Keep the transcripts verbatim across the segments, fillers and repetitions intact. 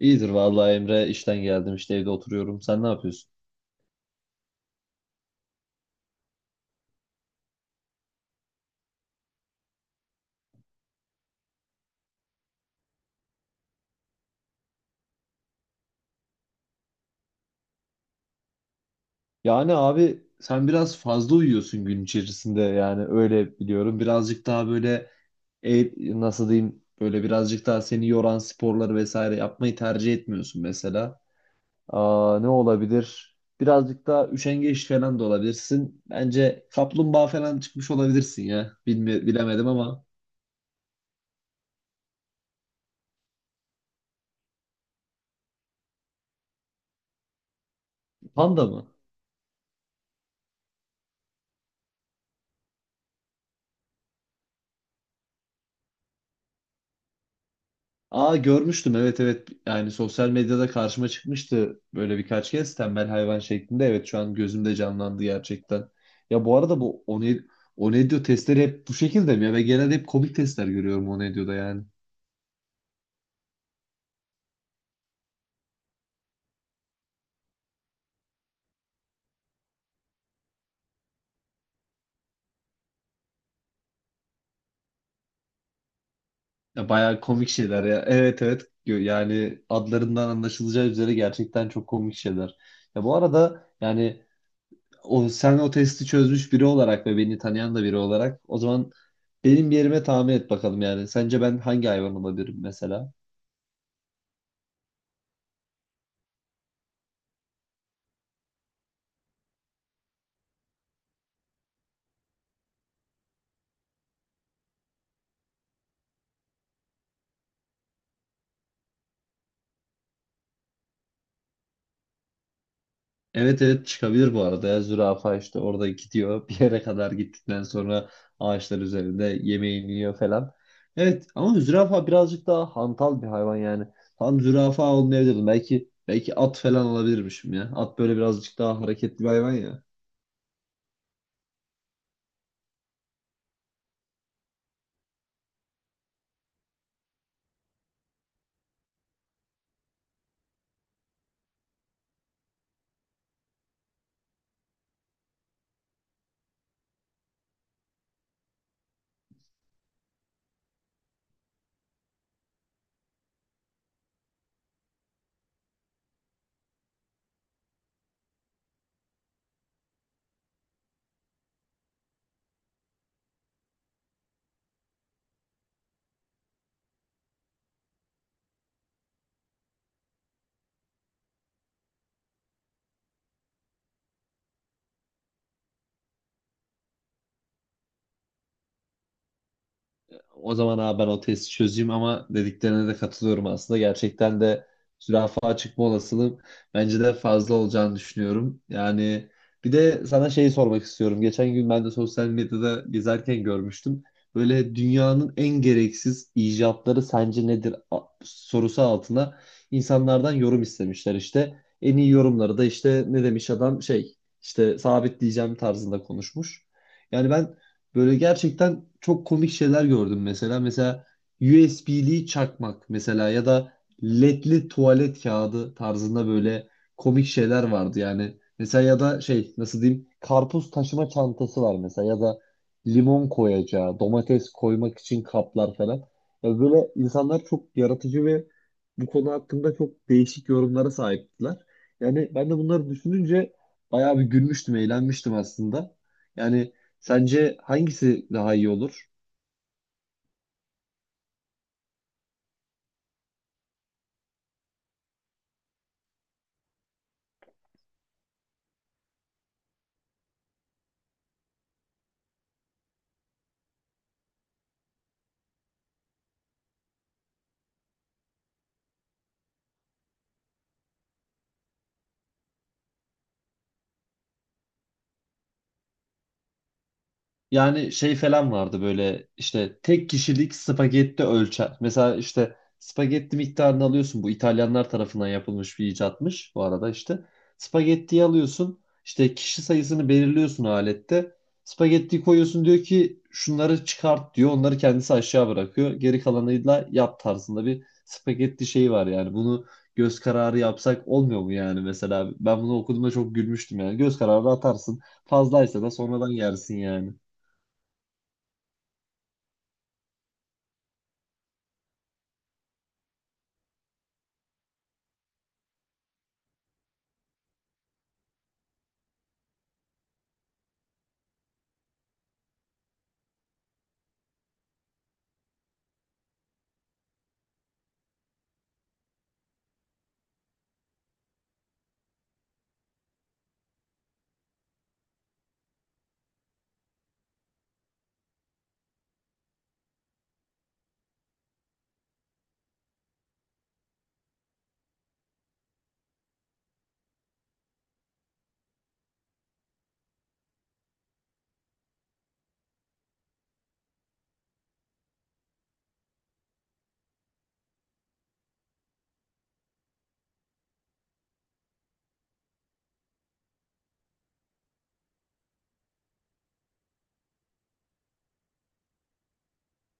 İyidir vallahi Emre. İşten geldim işte, evde oturuyorum. Sen ne yapıyorsun? Yani abi sen biraz fazla uyuyorsun gün içerisinde, yani öyle biliyorum. Birazcık daha böyle e, nasıl diyeyim, böyle birazcık daha seni yoran sporları vesaire yapmayı tercih etmiyorsun mesela. Aa, ne olabilir? Birazcık daha üşengeç falan da olabilirsin. Bence kaplumbağa falan çıkmış olabilirsin ya. Bilme, bilemedim ama panda mı? Aa, görmüştüm, evet evet, yani sosyal medyada karşıma çıkmıştı böyle birkaç kez tembel hayvan şeklinde. Evet, şu an gözümde canlandı gerçekten. Ya bu arada bu One- Onedio testleri hep bu şekilde mi ya? Ve genelde hep komik testler görüyorum Onedio'da yani. Ya bayağı komik şeyler ya, evet evet. Gö- yani adlarından anlaşılacağı üzere gerçekten çok komik şeyler. Ya bu arada yani o, sen o testi çözmüş biri olarak ve beni tanıyan da biri olarak, o zaman benim yerime tahmin et bakalım. Yani sence ben hangi hayvan olabilirim mesela? Evet evet, çıkabilir bu arada ya. Zürafa işte orada gidiyor. Bir yere kadar gittikten sonra ağaçlar üzerinde yemeğini yiyor falan. Evet ama zürafa birazcık daha hantal bir hayvan yani. Tam zürafa olmayabilirdim. Belki belki at falan olabilirmişim ya. At böyle birazcık daha hareketli bir hayvan ya. O zaman abi ben o testi çözeyim, ama dediklerine de katılıyorum aslında. Gerçekten de zürafa çıkma olasılığım bence de fazla olacağını düşünüyorum. Yani bir de sana şeyi sormak istiyorum. Geçen gün ben de sosyal medyada gezerken görmüştüm. Böyle dünyanın en gereksiz icatları sence nedir A- sorusu altına insanlardan yorum istemişler işte. En iyi yorumları da, işte ne demiş adam, şey işte sabitleyeceğim tarzında konuşmuş. Yani ben böyle gerçekten çok komik şeyler gördüm mesela. Mesela U S B'li çakmak, mesela ya da L E D'li tuvalet kağıdı tarzında böyle komik şeyler vardı yani. Mesela ya da şey, nasıl diyeyim, karpuz taşıma çantası var mesela, ya da limon koyacağı, domates koymak için kaplar falan. Ya böyle insanlar çok yaratıcı ve bu konu hakkında çok değişik yorumlara sahiptiler. Yani ben de bunları düşününce bayağı bir gülmüştüm, eğlenmiştim aslında. Yani sence hangisi daha iyi olur? Yani şey falan vardı, böyle işte tek kişilik spagetti ölçer. Mesela işte spagetti miktarını alıyorsun. Bu İtalyanlar tarafından yapılmış bir icatmış bu arada işte. Spagettiyi alıyorsun, işte kişi sayısını belirliyorsun alette. Spagettiyi koyuyorsun, diyor ki şunları çıkart diyor. Onları kendisi aşağı bırakıyor. Geri kalanıyla yap tarzında bir spagetti şeyi var yani. Bunu göz kararı yapsak olmuyor mu yani mesela? Ben bunu okuduğumda çok gülmüştüm yani. Göz kararı atarsın. Fazlaysa da sonradan yersin yani.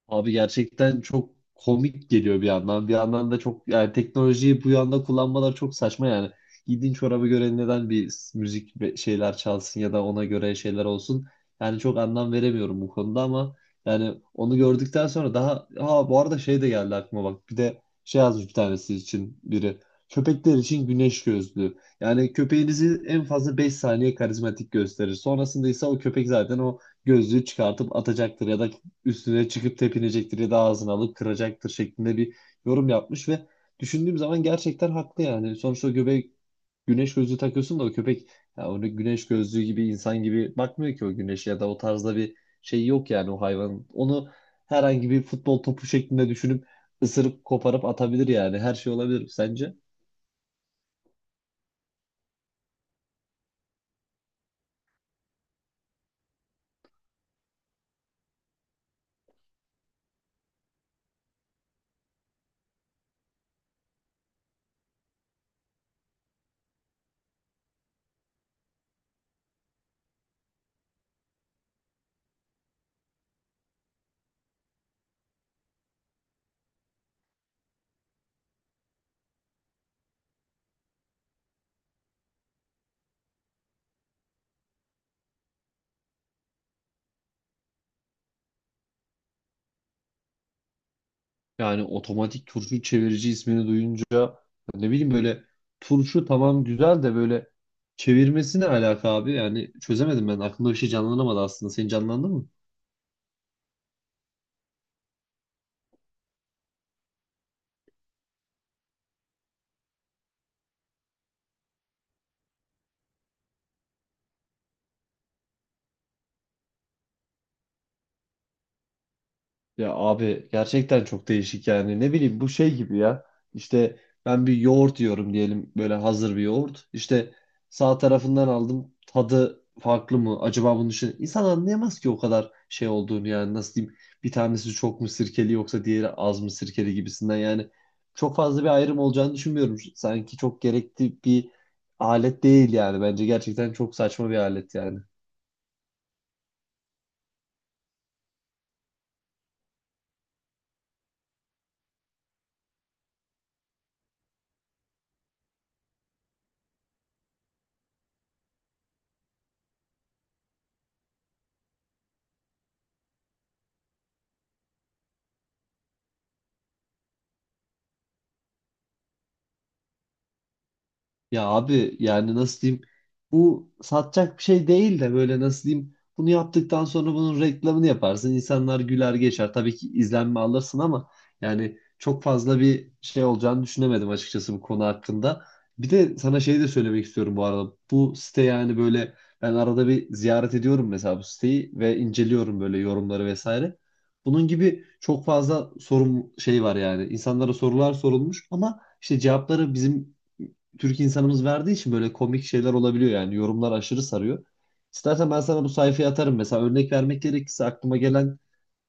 Abi gerçekten çok komik geliyor bir yandan. Bir yandan da çok, yani teknolojiyi bu yanda kullanmalar çok saçma yani. Giydiğin çorabı göre neden bir s- müzik ve- şeyler çalsın ya da ona göre şeyler olsun? Yani çok anlam veremiyorum bu konuda ama yani onu gördükten sonra daha, ha bu arada şey de geldi aklıma bak. Bir de şey yazmış bir tanesi için biri. Köpekler için güneş gözlüğü. Yani köpeğinizi en fazla beş saniye karizmatik gösterir. Sonrasında ise o köpek zaten o gözlüğü çıkartıp atacaktır ya da üstüne çıkıp tepinecektir ya da ağzını alıp kıracaktır şeklinde bir yorum yapmış. Ve düşündüğüm zaman gerçekten haklı yani. Sonuçta göbek güneş gözlüğü takıyorsun da, o köpek ya onu güneş gözlüğü gibi insan gibi bakmıyor ki o güneşe, ya da o tarzda bir şey yok yani o hayvan. Onu herhangi bir futbol topu şeklinde düşünüp ısırıp koparıp atabilir yani. Her şey olabilir sence? Yani otomatik turşu çevirici ismini duyunca, ne bileyim böyle, turşu tamam güzel de böyle çevirmesi ne alaka abi? Yani çözemedim ben. Aklımda bir şey canlanamadı aslında. Senin canlandı mı? Ya abi gerçekten çok değişik yani. Ne bileyim, bu şey gibi ya, işte ben bir yoğurt yiyorum diyelim, böyle hazır bir yoğurt işte, sağ tarafından aldım tadı farklı mı acaba, bunun için insan anlayamaz ki o kadar şey olduğunu. Yani nasıl diyeyim, bir tanesi çok mu sirkeli yoksa diğeri az mı sirkeli gibisinden yani, çok fazla bir ayrım olacağını düşünmüyorum. Sanki çok gerekli bir alet değil yani, bence gerçekten çok saçma bir alet yani. Ya abi yani nasıl diyeyim, bu satacak bir şey değil de, böyle nasıl diyeyim, bunu yaptıktan sonra bunun reklamını yaparsın, insanlar güler geçer, tabii ki izlenme alırsın ama yani çok fazla bir şey olacağını düşünemedim açıkçası bu konu hakkında. Bir de sana şey de söylemek istiyorum bu arada, bu site yani böyle, ben arada bir ziyaret ediyorum mesela bu siteyi ve inceliyorum böyle yorumları vesaire. Bunun gibi çok fazla sorun şey var yani, insanlara sorular sorulmuş ama işte cevapları bizim Türk insanımız verdiği için böyle komik şeyler olabiliyor yani, yorumlar aşırı sarıyor. İstersen ben sana bu sayfayı atarım. Mesela örnek vermek gerekirse aklıma gelen,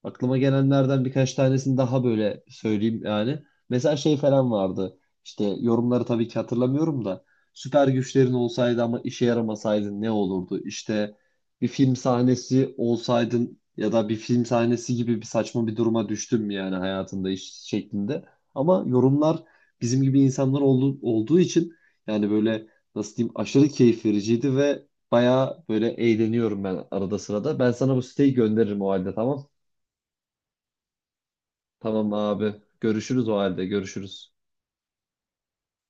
Aklıma gelenlerden birkaç tanesini daha böyle söyleyeyim yani. Mesela şey falan vardı. İşte yorumları tabii ki hatırlamıyorum da. Süper güçlerin olsaydı ama işe yaramasaydın ne olurdu? İşte bir film sahnesi olsaydın ya da bir film sahnesi gibi bir saçma bir duruma düştün mü yani hayatında iş şeklinde. Ama yorumlar bizim gibi insanlar oldu, olduğu için yani böyle nasıl diyeyim, aşırı keyif vericiydi ve bayağı böyle eğleniyorum ben arada sırada. Ben sana bu siteyi gönderirim o halde, tamam mı? Tamam abi. Görüşürüz o halde. Görüşürüz.